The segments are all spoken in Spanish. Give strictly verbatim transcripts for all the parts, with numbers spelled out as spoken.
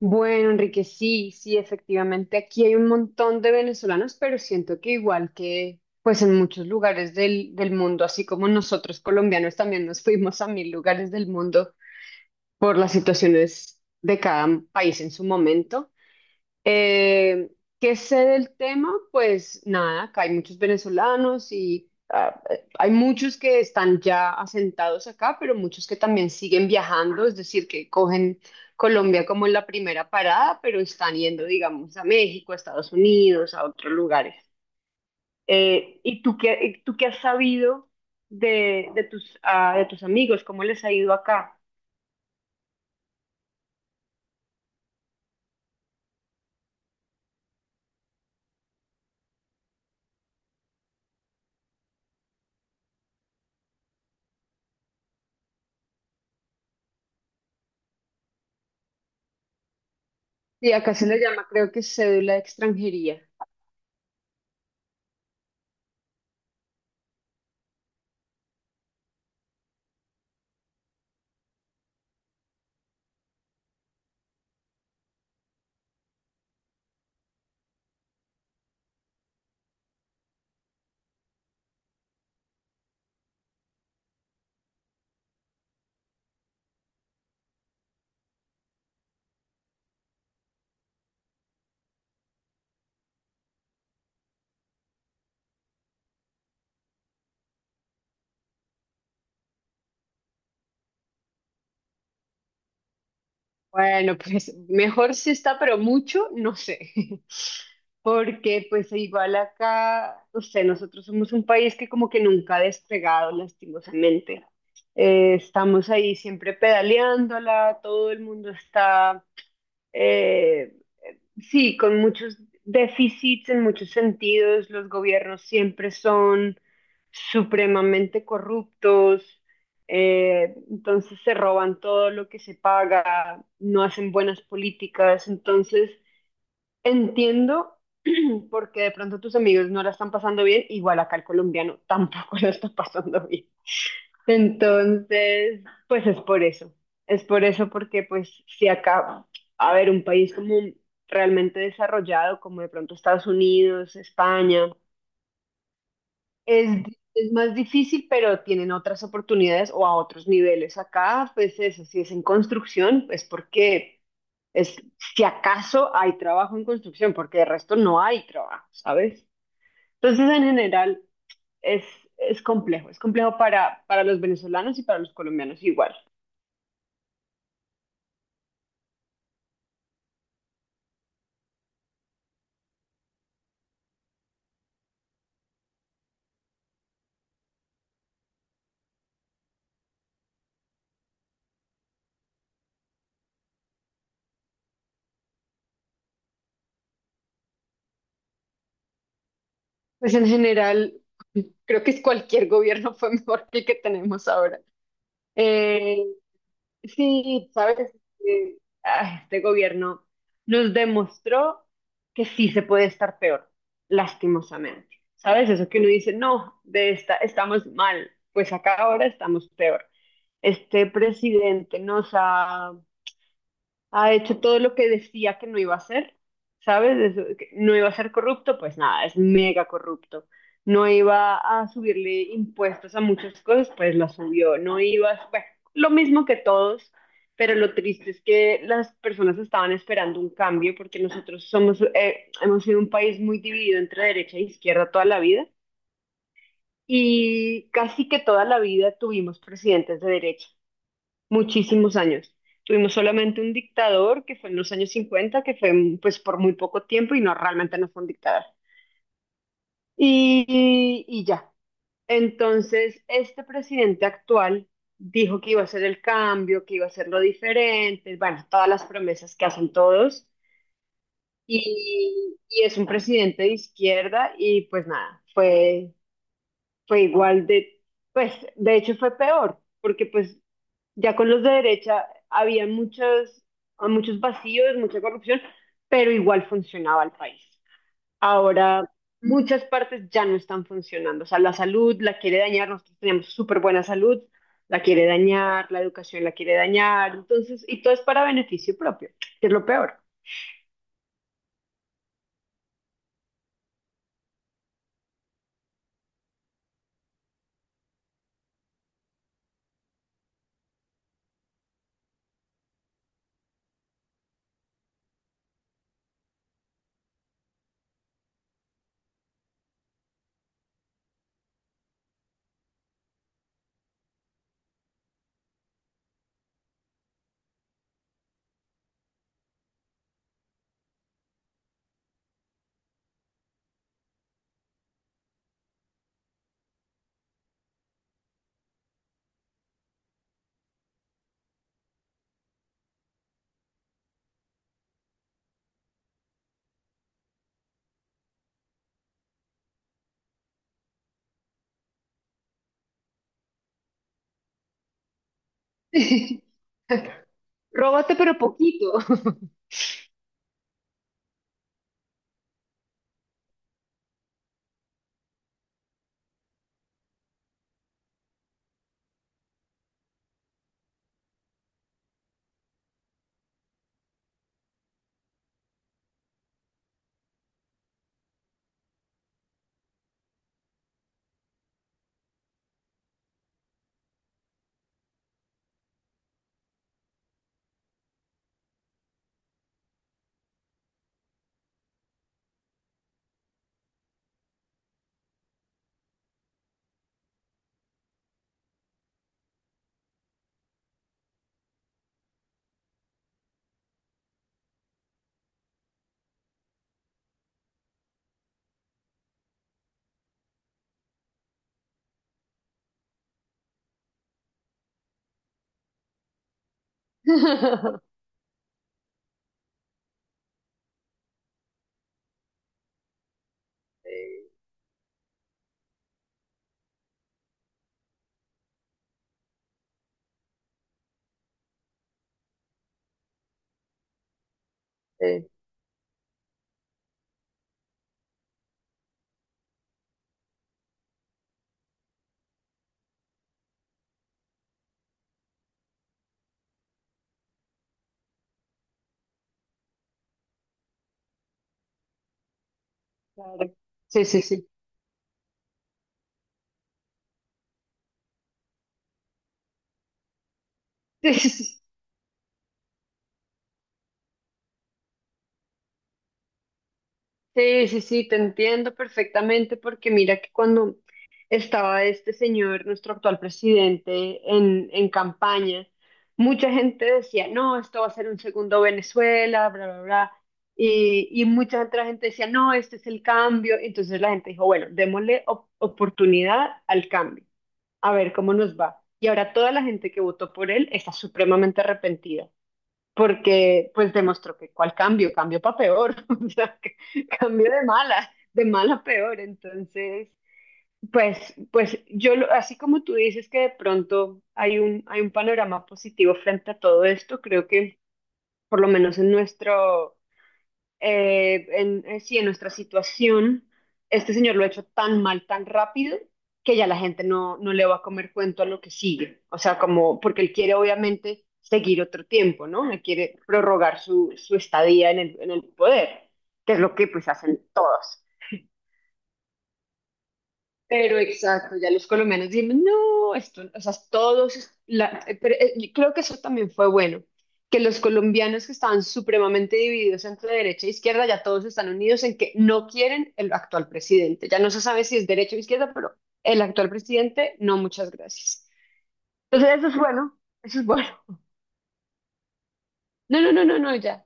Bueno, Enrique, sí, sí, efectivamente, aquí hay un montón de venezolanos, pero siento que igual que pues en muchos lugares del, del mundo, así como nosotros colombianos también nos fuimos a mil lugares del mundo por las situaciones de cada país en su momento. Eh, ¿Qué sé del tema? Pues nada, acá hay muchos venezolanos y ah, eh, hay muchos que están ya asentados acá, pero muchos que también siguen viajando, es decir, que cogen Colombia como la primera parada, pero están yendo, digamos, a México, a Estados Unidos, a otros lugares. Eh, ¿y tú qué, ¿y tú qué has sabido de, de tus, ah, de tus amigos? ¿Cómo les ha ido acá? Sí, acá se le llama, creo que cédula de extranjería. Bueno, pues mejor si está, pero mucho, no sé. Porque pues igual acá, no sé, nosotros somos un país que como que nunca ha despegado lastimosamente. Eh, estamos ahí siempre pedaleándola, todo el mundo está, eh, sí, con muchos déficits en muchos sentidos, los gobiernos siempre son supremamente corruptos, eh, entonces se roban todo lo que se paga, no hacen buenas políticas, entonces entiendo porque de pronto tus amigos no la están pasando bien, igual acá el colombiano tampoco la está pasando bien. Entonces, pues es por eso. Es por eso porque pues si acá, a ver, un país como realmente desarrollado, como de pronto Estados Unidos, España, es, es más difícil, pero tienen otras oportunidades o a otros niveles. Acá, pues eso, si es en construcción, es porque es, si acaso hay trabajo en construcción, porque de resto no hay trabajo, ¿sabes? Entonces, en general, es, es complejo, es complejo para, para los venezolanos y para los colombianos igual. Pues en general, creo que es cualquier gobierno fue mejor que el que tenemos ahora. Eh, sí, sabes, Eh, ah, este gobierno nos demostró que sí se puede estar peor, lastimosamente. ¿Sabes? Eso que uno dice, no, de esta estamos mal, pues acá ahora estamos peor. Este presidente nos ha ha hecho todo lo que decía que no iba a hacer, ¿sabes? Eso- que no iba a ser corrupto, pues nada, es mega corrupto. No iba a subirle impuestos a muchas cosas, pues la subió. No iba, bueno, lo mismo que todos, pero lo triste es que las personas estaban esperando un cambio porque nosotros somos, eh, hemos sido un país muy dividido entre derecha e izquierda toda la vida. Y casi que toda la vida tuvimos presidentes de derecha muchísimos años. Tuvimos solamente un dictador que fue en los años cincuenta, que fue pues por muy poco tiempo y no realmente no fue un dictador. Y, y ya. Entonces, este presidente actual dijo que iba a hacer el cambio, que iba a hacer lo diferente, bueno, todas las promesas que hacen todos. Y, y es un presidente de izquierda y pues nada, fue, fue igual de, pues de hecho fue peor, porque pues ya con los de derecha había muchos, muchos vacíos, mucha corrupción, pero igual funcionaba el país. Ahora muchas partes ya no están funcionando. O sea, la salud la quiere dañar, nosotros teníamos súper buena salud, la quiere dañar, la educación la quiere dañar, entonces, y todo es para beneficio propio, que es lo peor. Róbate, pero poquito. Sí, sí. Claro. Sí, sí, sí. Sí, sí, sí. Sí, sí, sí, te entiendo perfectamente porque mira que cuando estaba este señor, nuestro actual presidente, en, en campaña, mucha gente decía, no, esto va a ser un segundo Venezuela, bla, bla, bla. Y, y mucha otra gente decía, no, este es el cambio. Entonces la gente dijo, bueno, démosle op- oportunidad al cambio, a ver cómo nos va. Y ahora toda la gente que votó por él está supremamente arrepentida porque pues demostró que cuál cambio, cambio para peor, o sea, que cambio de mala, de mala a peor, entonces, pues, pues yo, lo- así como tú dices que de pronto hay un, hay un panorama positivo frente a todo esto, creo que por lo menos en nuestro, eh, en, eh, sí, en nuestra situación, este señor lo ha hecho tan mal, tan rápido, que ya la gente no, no le va a comer cuento a lo que sigue. O sea, como, porque él quiere obviamente seguir otro tiempo, ¿no? Él quiere prorrogar su, su estadía en el, en el poder, que es lo que pues hacen todos. Pero exacto, ya los colombianos dicen, no, esto, o sea, todos, es- la, eh, pero, eh, y creo que eso también fue bueno, que los colombianos que estaban supremamente divididos entre derecha e izquierda, ya todos están unidos en que no quieren el actual presidente. Ya no se sabe si es derecha o izquierda, pero el actual presidente, no, muchas gracias. Entonces, eso es bueno, eso es bueno. No, no, no, no, no, ya.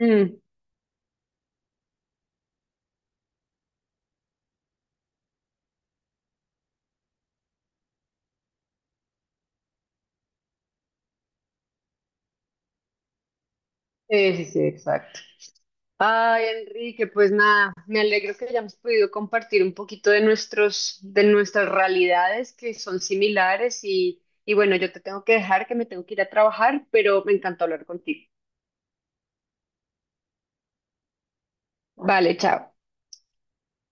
Mm, sí, sí, sí, exacto. Ay, Enrique, pues nada, me alegro que hayamos podido compartir un poquito de nuestros, de nuestras realidades que son similares y, y bueno, yo te tengo que dejar que me tengo que ir a trabajar, pero me encantó hablar contigo. Vale, chao.